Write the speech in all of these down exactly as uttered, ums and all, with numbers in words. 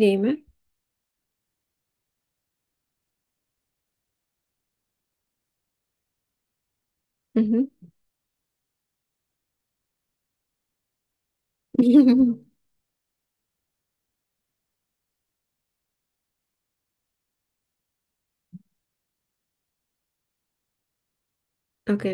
Dime. Ujú. Ok,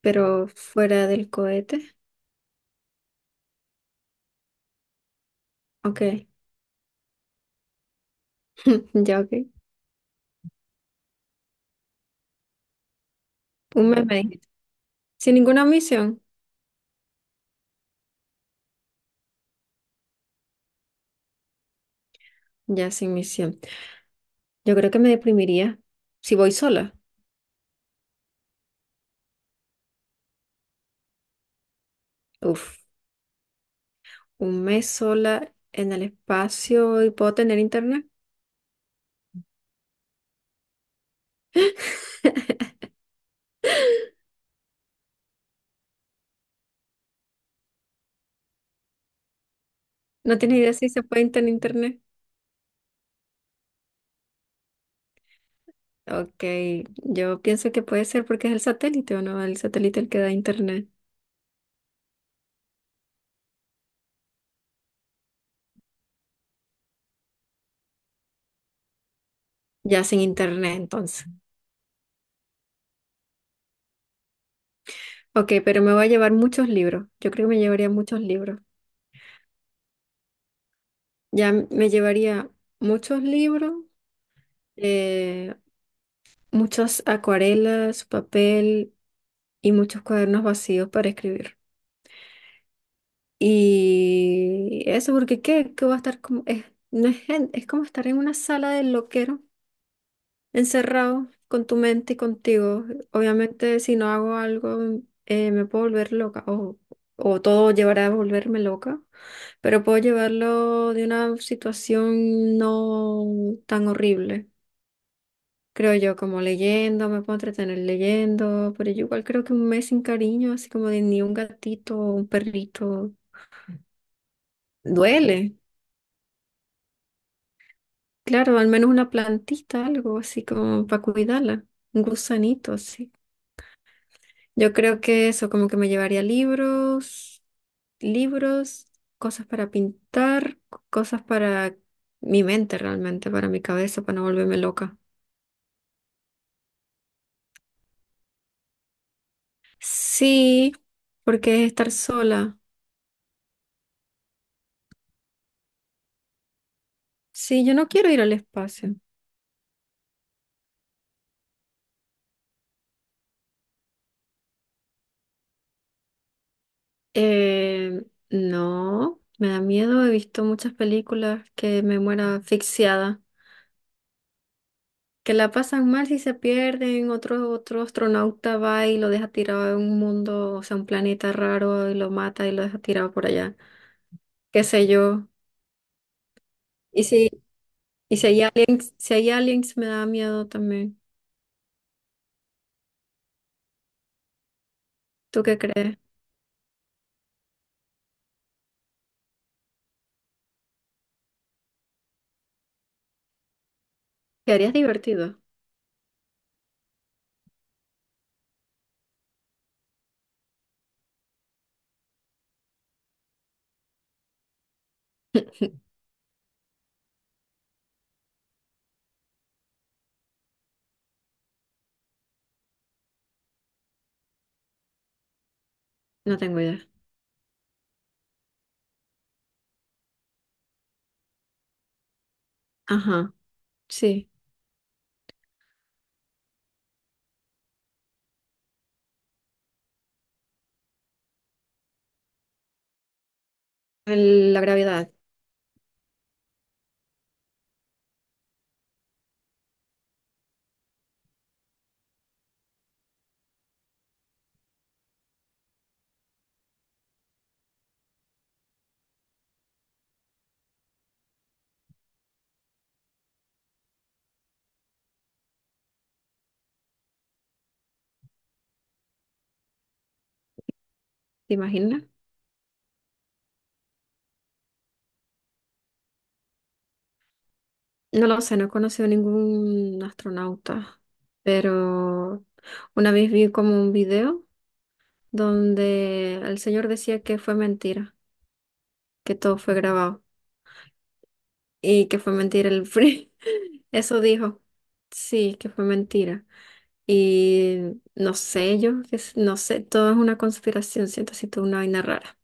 pero fuera del cohete. Ok, ya ok. Un meme. Dijiste. Sin ninguna misión. Ya sin misión. Yo creo que me deprimiría si voy sola. Uf, un mes sola en el espacio y puedo tener internet. No tienes idea si se puede tener internet. Ok, yo pienso que puede ser porque es el satélite o no, el satélite el que da internet. Ya sin internet entonces. Ok, pero me voy a llevar muchos libros. Yo creo que me llevaría muchos libros. Ya me llevaría muchos libros, eh, muchas acuarelas, papel y muchos cuadernos vacíos para escribir. Y eso, porque ¿qué? ¿Qué va a estar como? Es, no es, gen- Es como estar en una sala de loquero, encerrado con tu mente y contigo. Obviamente, si no hago algo, mm, eh, me puedo volver loca o, o todo llevará a volverme loca, pero puedo llevarlo de una situación no tan horrible. Creo yo, como leyendo, me puedo entretener leyendo, pero yo igual creo que un mes sin cariño, así como de ni un gatito o un perrito, duele. Claro, al menos una plantita, algo así como para cuidarla, un gusanito así. Yo creo que eso, como que me llevaría libros, libros, cosas para pintar, cosas para mi mente realmente, para mi cabeza, para no volverme loca. Sí, porque es estar sola. Sí, yo no quiero ir al espacio. Eh, no, me da miedo. He visto muchas películas que me muera asfixiada, que la pasan mal si se pierden. Otro, otro astronauta va y lo deja tirado en un mundo, o sea, un planeta raro y lo mata y lo deja tirado por allá. Qué sé yo. Y si, y si hay aliens, si hay aliens me da miedo también. ¿Tú qué crees? ¿Qué harías divertido? No tengo idea. Ajá, sí. El- la gravedad, ¿te imaginas? No lo sé, no he conocido ningún astronauta, pero una vez vi como un video donde el señor decía que fue mentira, que todo fue grabado y que fue mentira el free. Eso dijo. Sí, que fue mentira. Y no sé, yo que s- no sé, todo es una conspiración, siento así toda una vaina rara.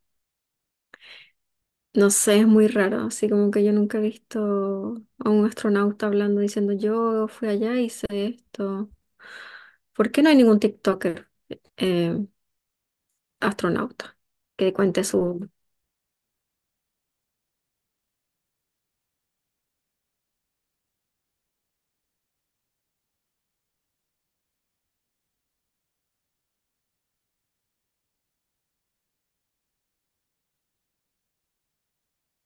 No sé, es muy raro, así como que yo nunca he visto a un astronauta hablando diciendo yo fui allá y hice esto. ¿Por qué no hay ningún TikToker eh, astronauta que cuente su...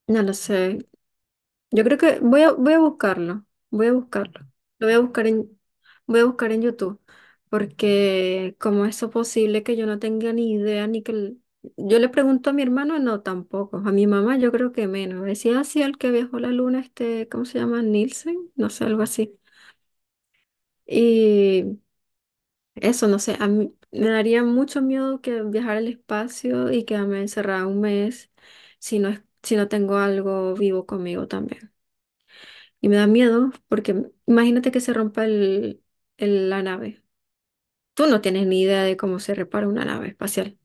No lo sé. Yo creo que voy a, voy a buscarlo. Voy a buscarlo. Lo voy a buscar en, Voy a buscar en YouTube. Porque ¿cómo es eso posible que yo no tenga ni idea ni que... el- Yo le pregunto a mi hermano, no, tampoco. A mi mamá yo creo que menos. Decía así el que viajó a la luna, este, ¿cómo se llama? Nielsen, no sé, algo así. Y eso, no sé, a mí me daría mucho miedo que viajar al espacio y quedarme encerrada un mes si no es, si no tengo algo vivo conmigo también. Y me da miedo porque imagínate que se rompa el, el- la nave. Tú no tienes ni idea de cómo se repara una nave espacial.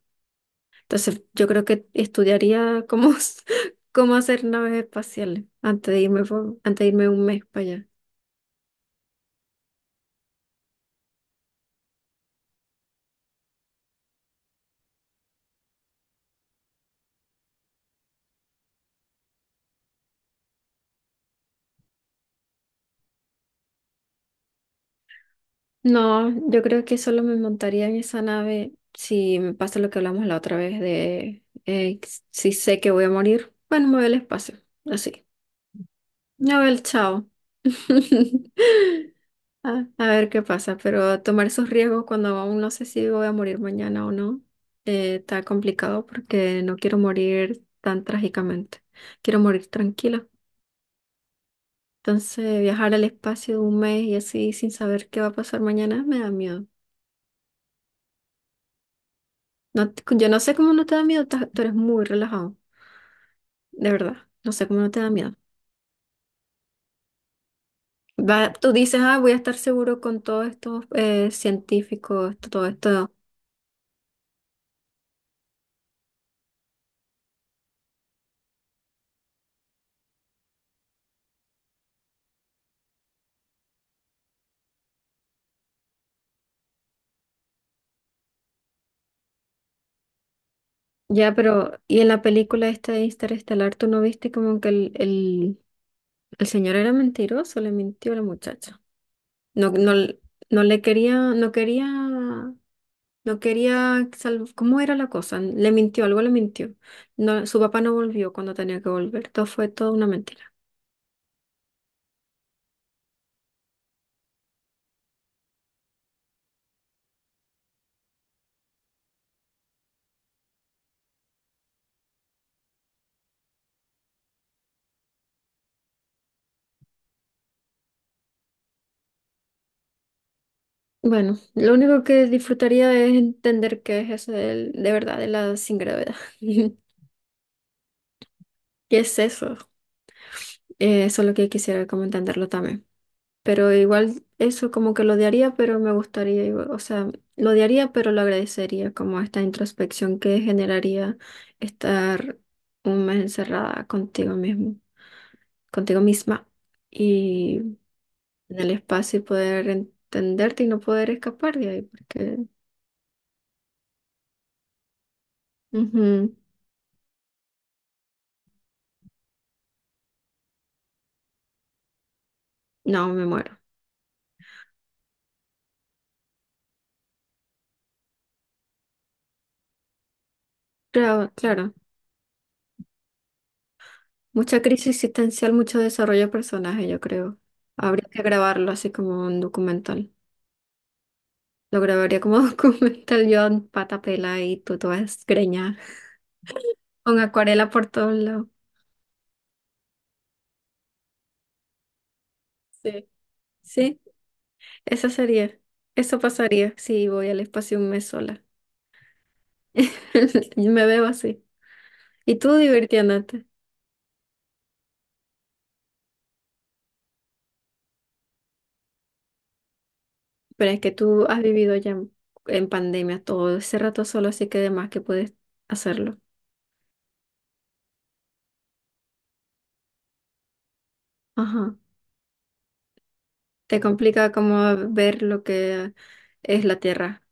Entonces, yo creo que estudiaría cómo, cómo hacer naves espaciales antes de irme por- antes de irme un mes para allá. No, yo creo que solo me montaría en esa nave si me pasa lo que hablamos la otra vez de eh, si sé que voy a morir. Bueno, me voy al espacio, así. Me voy al chao. A, a ver qué pasa, pero tomar esos riesgos cuando aún no sé si voy a morir mañana o no, eh, está complicado porque no quiero morir tan trágicamente. Quiero morir tranquila. Entonces, viajar al espacio un mes y así sin saber qué va a pasar mañana me da miedo. No, te- yo no sé cómo no te da miedo, ta- tú eres muy relajado, de verdad. No sé cómo no te da miedo. Va- tú dices, ah, voy a estar seguro con todos estos eh, científicos, esto- todo esto. Ya, pero, ¿y en la película esta de Interestelar, tú no viste como que el, el, el señor era mentiroso, le mintió a la muchacha? No, no, no le quería, no quería, no quería, sal- ¿cómo era la cosa? Le mintió, algo le mintió. No, su papá no volvió cuando tenía que volver, todo fue toda una mentira. Bueno, lo único que disfrutaría es entender qué es eso del- de, verdad de la sin gravedad. ¿Qué es eso? Eh, eso es lo que quisiera como entenderlo también. Pero igual eso como que lo odiaría, pero me gustaría, igual- o sea, lo odiaría, pero lo agradecería como esta introspección que generaría estar un mes encerrada contigo mismo, contigo misma y en el espacio y poder entenderte y no poder escapar de ahí, porque ujú, no, me muero. Claro, claro. Mucha crisis existencial, mucho desarrollo de personaje, yo creo. Habría que grabarlo así como un documental. Lo grabaría como documental yo en pata pela y tú toda desgreñada, con acuarela por todos lados. Sí. Sí, eso sería. Eso pasaría si voy al espacio un mes sola. Y me veo así. Y tú divirtiéndote. Pero es que tú has vivido ya en en pandemia todo ese rato solo, así que además que puedes hacerlo. Ajá. Te complica como ver lo que es la Tierra.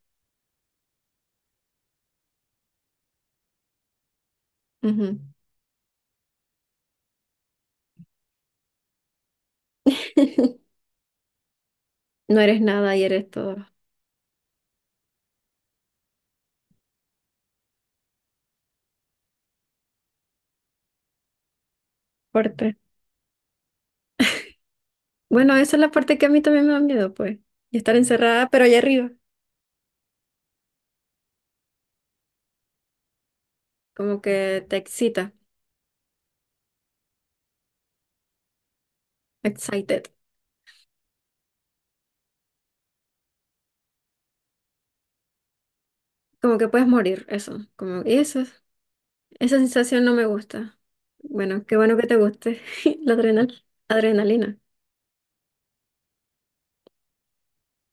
Ujú. No eres nada y eres todo. Fuerte. Bueno, esa es la parte que a mí también me da miedo, pues. Y estar encerrada, pero allá arriba. Como que te excita. Excited. Como que puedes morir, eso. Como, y eso, esa sensación no me gusta. Bueno, qué bueno que te guste. La adrenal, adrenalina.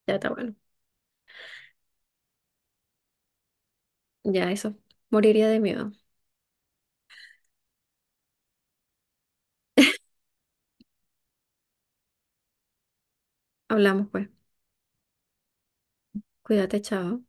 Ya está bueno. Ya eso. Moriría de miedo. Hablamos, pues. Cuídate, chao.